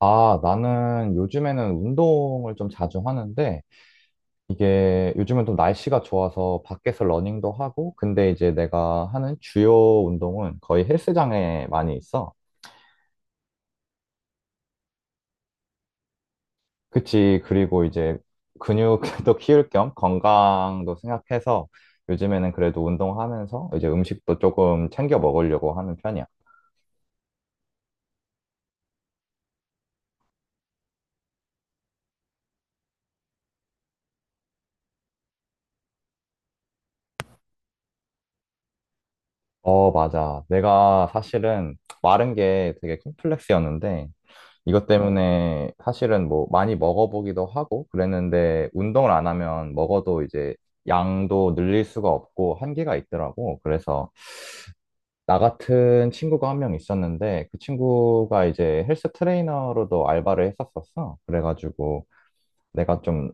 아, 나는 요즘에는 운동을 좀 자주 하는데, 이게 요즘은 또 날씨가 좋아서 밖에서 러닝도 하고, 근데 이제 내가 하는 주요 운동은 거의 헬스장에 많이 있어. 그치. 그리고 이제 근육도 키울 겸 건강도 생각해서 요즘에는 그래도 운동하면서 이제 음식도 조금 챙겨 먹으려고 하는 편이야. 어, 맞아. 내가 사실은 마른 게 되게 콤플렉스였는데, 이것 때문에 사실은 뭐 많이 먹어보기도 하고 그랬는데 운동을 안 하면 먹어도 이제 양도 늘릴 수가 없고 한계가 있더라고. 그래서 나 같은 친구가 한 명 있었는데 그 친구가 이제 헬스 트레이너로도 알바를 했었었어. 그래가지고 내가 좀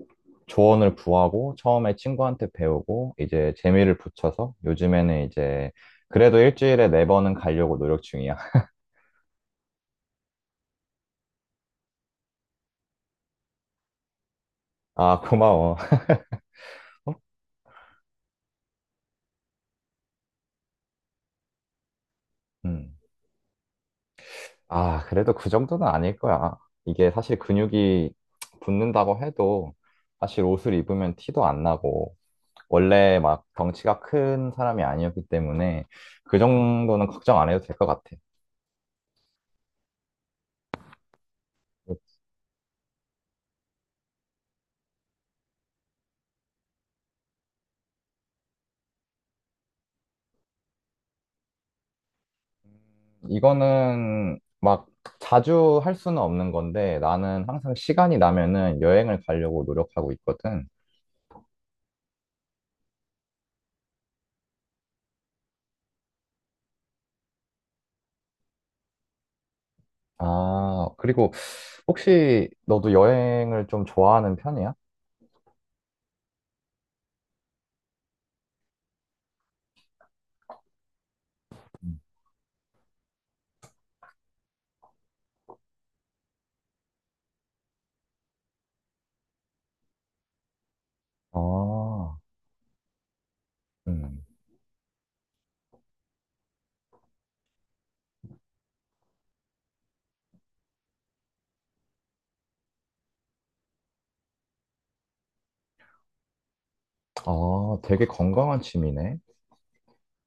조언을 구하고 처음에 친구한테 배우고 이제 재미를 붙여서 요즘에는 이제 그래도 일주일에 네 번은 가려고 노력 중이야. 아, 고마워. 음. 아, 그래도 그 정도는 아닐 거야. 이게 사실 근육이 붙는다고 해도 사실 옷을 입으면 티도 안 나고 원래 막 덩치가 큰 사람이 아니었기 때문에 그 정도는 걱정 안 해도 될 것 같아. 이거는 막 자주 할 수는 없는 건데 나는 항상 시간이 나면은 여행을 가려고 노력하고 있거든. 아, 그리고 혹시 너도 여행을 좀 좋아하는 편이야? 음. 아, 음. 아, 되게 건강한 취미네.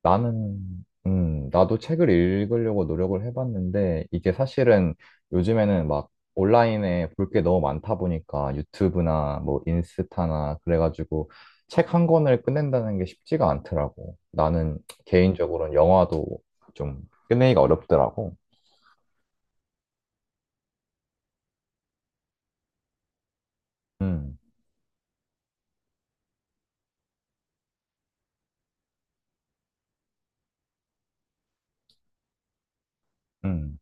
나는, 나도 책을 읽으려고 노력을 해봤는데, 이게 사실은 요즘에는 막 온라인에 볼 게 너무 많다 보니까 유튜브나 뭐 인스타나 그래가지고 책 한 권을 끝낸다는 게 쉽지가 않더라고. 나는 개인적으로는 영화도 좀 끝내기가 어렵더라고. 음, 음.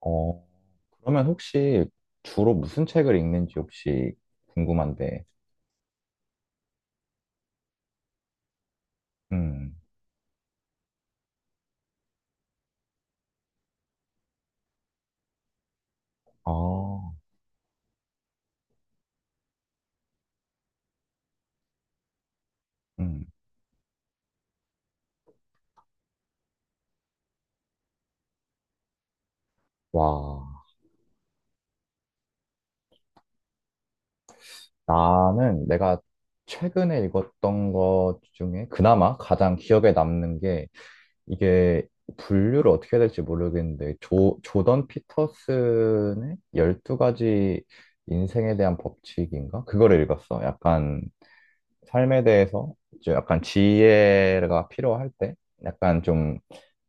어, 그러면 혹시 주로 무슨 책을 읽는지 혹시 궁금한데, 음, 아, 음. 와, 나는 내가 최근에 읽었던 것 중에 그나마 가장 기억에 남는 게 이게 분류를 어떻게 해야 될지 모르겠는데 조던 피터슨의 12가지 인생에 대한 법칙인가? 그거를 읽었어. 약간 삶에 대해서 이제 약간 지혜가 필요할 때 약간 좀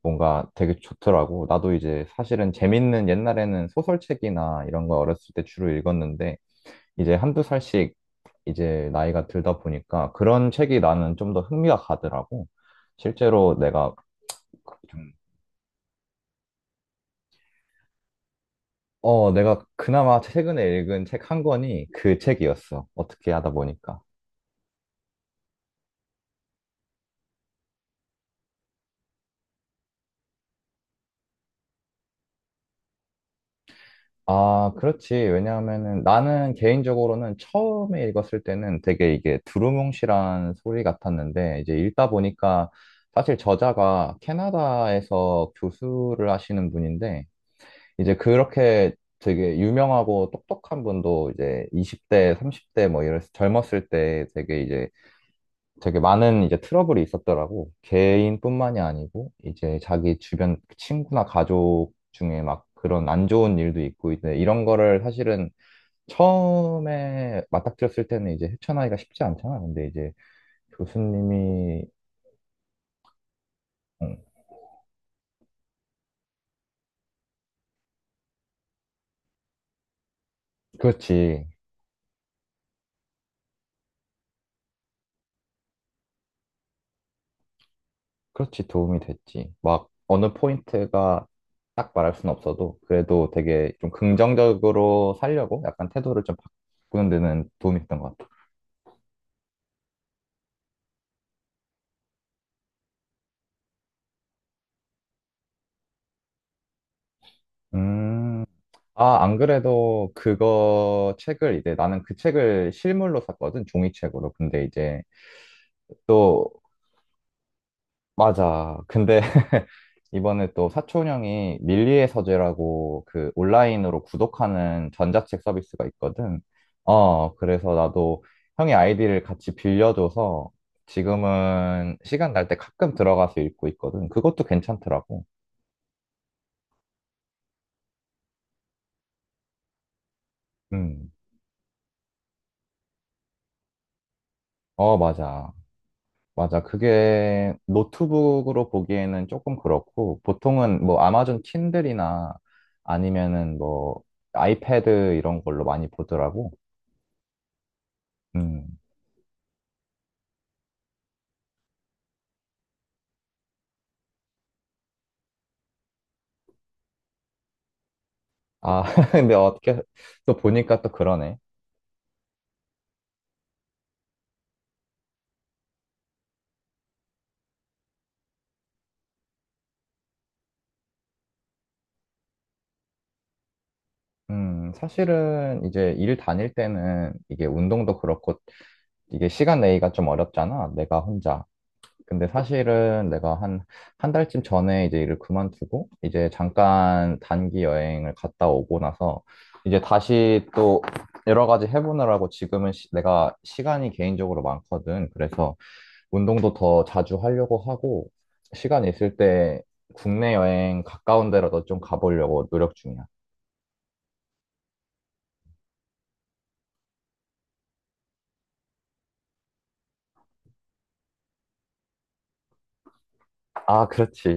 뭔가 되게 좋더라고. 나도 이제 사실은 재밌는 옛날에는 소설책이나 이런 거 어렸을 때 주로 읽었는데 이제 한두 살씩 이제 나이가 들다 보니까 그런 책이 나는 좀 더 흥미가 가더라고. 실제로 내가 그 좀, 어, 내가 그나마 최근에 읽은 책 한 권이 그 책이었어. 어떻게 하다 보니까. 아, 그렇지. 왜냐하면은 나는 개인적으로는 처음에 읽었을 때는 되게 이게 두루뭉실한 소리 같았는데 이제 읽다 보니까 사실 저자가 캐나다에서 교수를 하시는 분인데 이제 그렇게 되게 유명하고 똑똑한 분도 이제 20대, 30대 뭐 이랬 젊었을 때 되게 이제 되게 많은 이제 트러블이 있었더라고. 개인뿐만이 아니고 이제 자기 주변 친구나 가족 중에 막 그런 안 좋은 일도 있고 이제 이런 거를 사실은 처음에 맞닥뜨렸을 때는 이제 헤쳐나기가 쉽지 않잖아. 근데 이제 교수님이 응, 그렇지. 그렇지, 도움이 됐지. 막 어느 포인트가 딱 말할 순 없어도 그래도 되게 좀 긍정적으로 살려고 약간 태도를 좀 바꾸는 데는 도움이 됐던 것 같아. 음. 아, 안 그래도 그거 책을 이제 나는 그 책을 실물로 샀거든, 종이책으로. 근데 이제 또 맞아. 근데 이번에 또 사촌 형이 밀리의 서재라고 그 온라인으로 구독하는 전자책 서비스가 있거든. 어, 그래서 나도 형이 아이디를 같이 빌려줘서 지금은 시간 날 때 가끔 들어가서 읽고 있거든. 그것도 괜찮더라고. 음. 어, 맞아. 맞아. 그게 노트북으로 보기에는 조금 그렇고, 보통은 뭐 아마존 킨들이나 아니면은 뭐 아이패드 이런 걸로 많이 보더라고. 음. 아, 근데 어떻게 또 보니까 또 그러네. 사실은 이제 일 다닐 때는 이게 운동도 그렇고 이게 시간 내기가 좀 어렵잖아. 내가 혼자. 근데 사실은 내가 한 달쯤 전에 이제 일을 그만두고 이제 잠깐 단기 여행을 갔다 오고 나서 이제 다시 또 여러 가지 해보느라고 지금은 내가 시간이 개인적으로 많거든. 그래서 운동도 더 자주 하려고 하고, 시간 있을 때 국내 여행 가까운 데라도 좀 가보려고 노력 중이야. 아, 그렇지.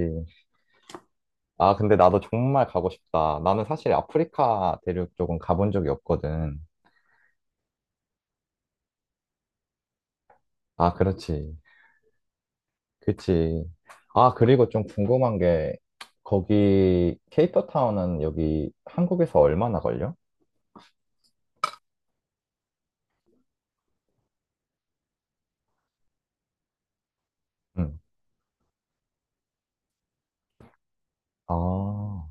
아, 근데 나도 정말 가고 싶다. 나는 사실 아프리카 대륙 쪽은 가본 적이 없거든. 아, 그렇지. 그치. 아, 그리고 좀 궁금한 게, 거기, 케이프타운은 여기 한국에서 얼마나 걸려? 응. 아,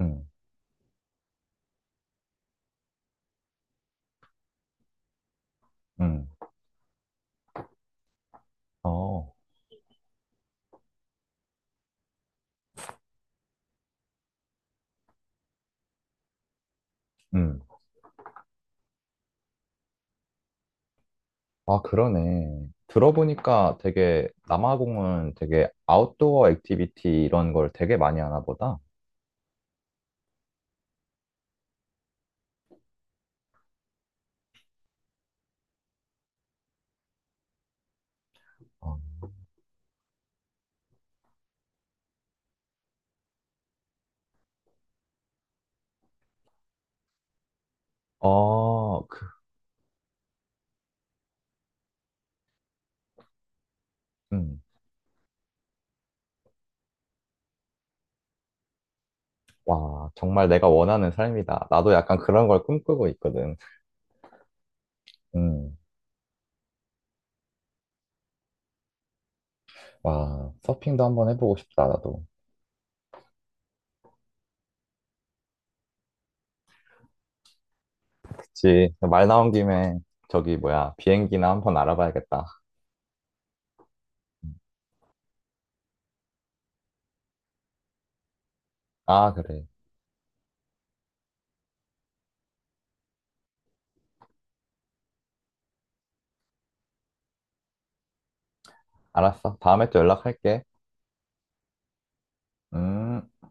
응, 응, 어, 응. 아, 그러네. 들어보니까 되게 남아공은 되게 아웃도어 액티비티 이런 걸 되게 많이 하나 보다. 어, 어, 그, 음. 와, 정말 내가 원하는 삶이다. 나도 약간 그런 걸 꿈꾸고 있거든. 음. 와, 서핑도 한번 해보고 싶다, 나도. 그치. 말 나온 김에 저기 뭐야, 비행기나 한번 알아봐야겠다. 아, 그래. 알았어. 다음에 또 연락할게. 음.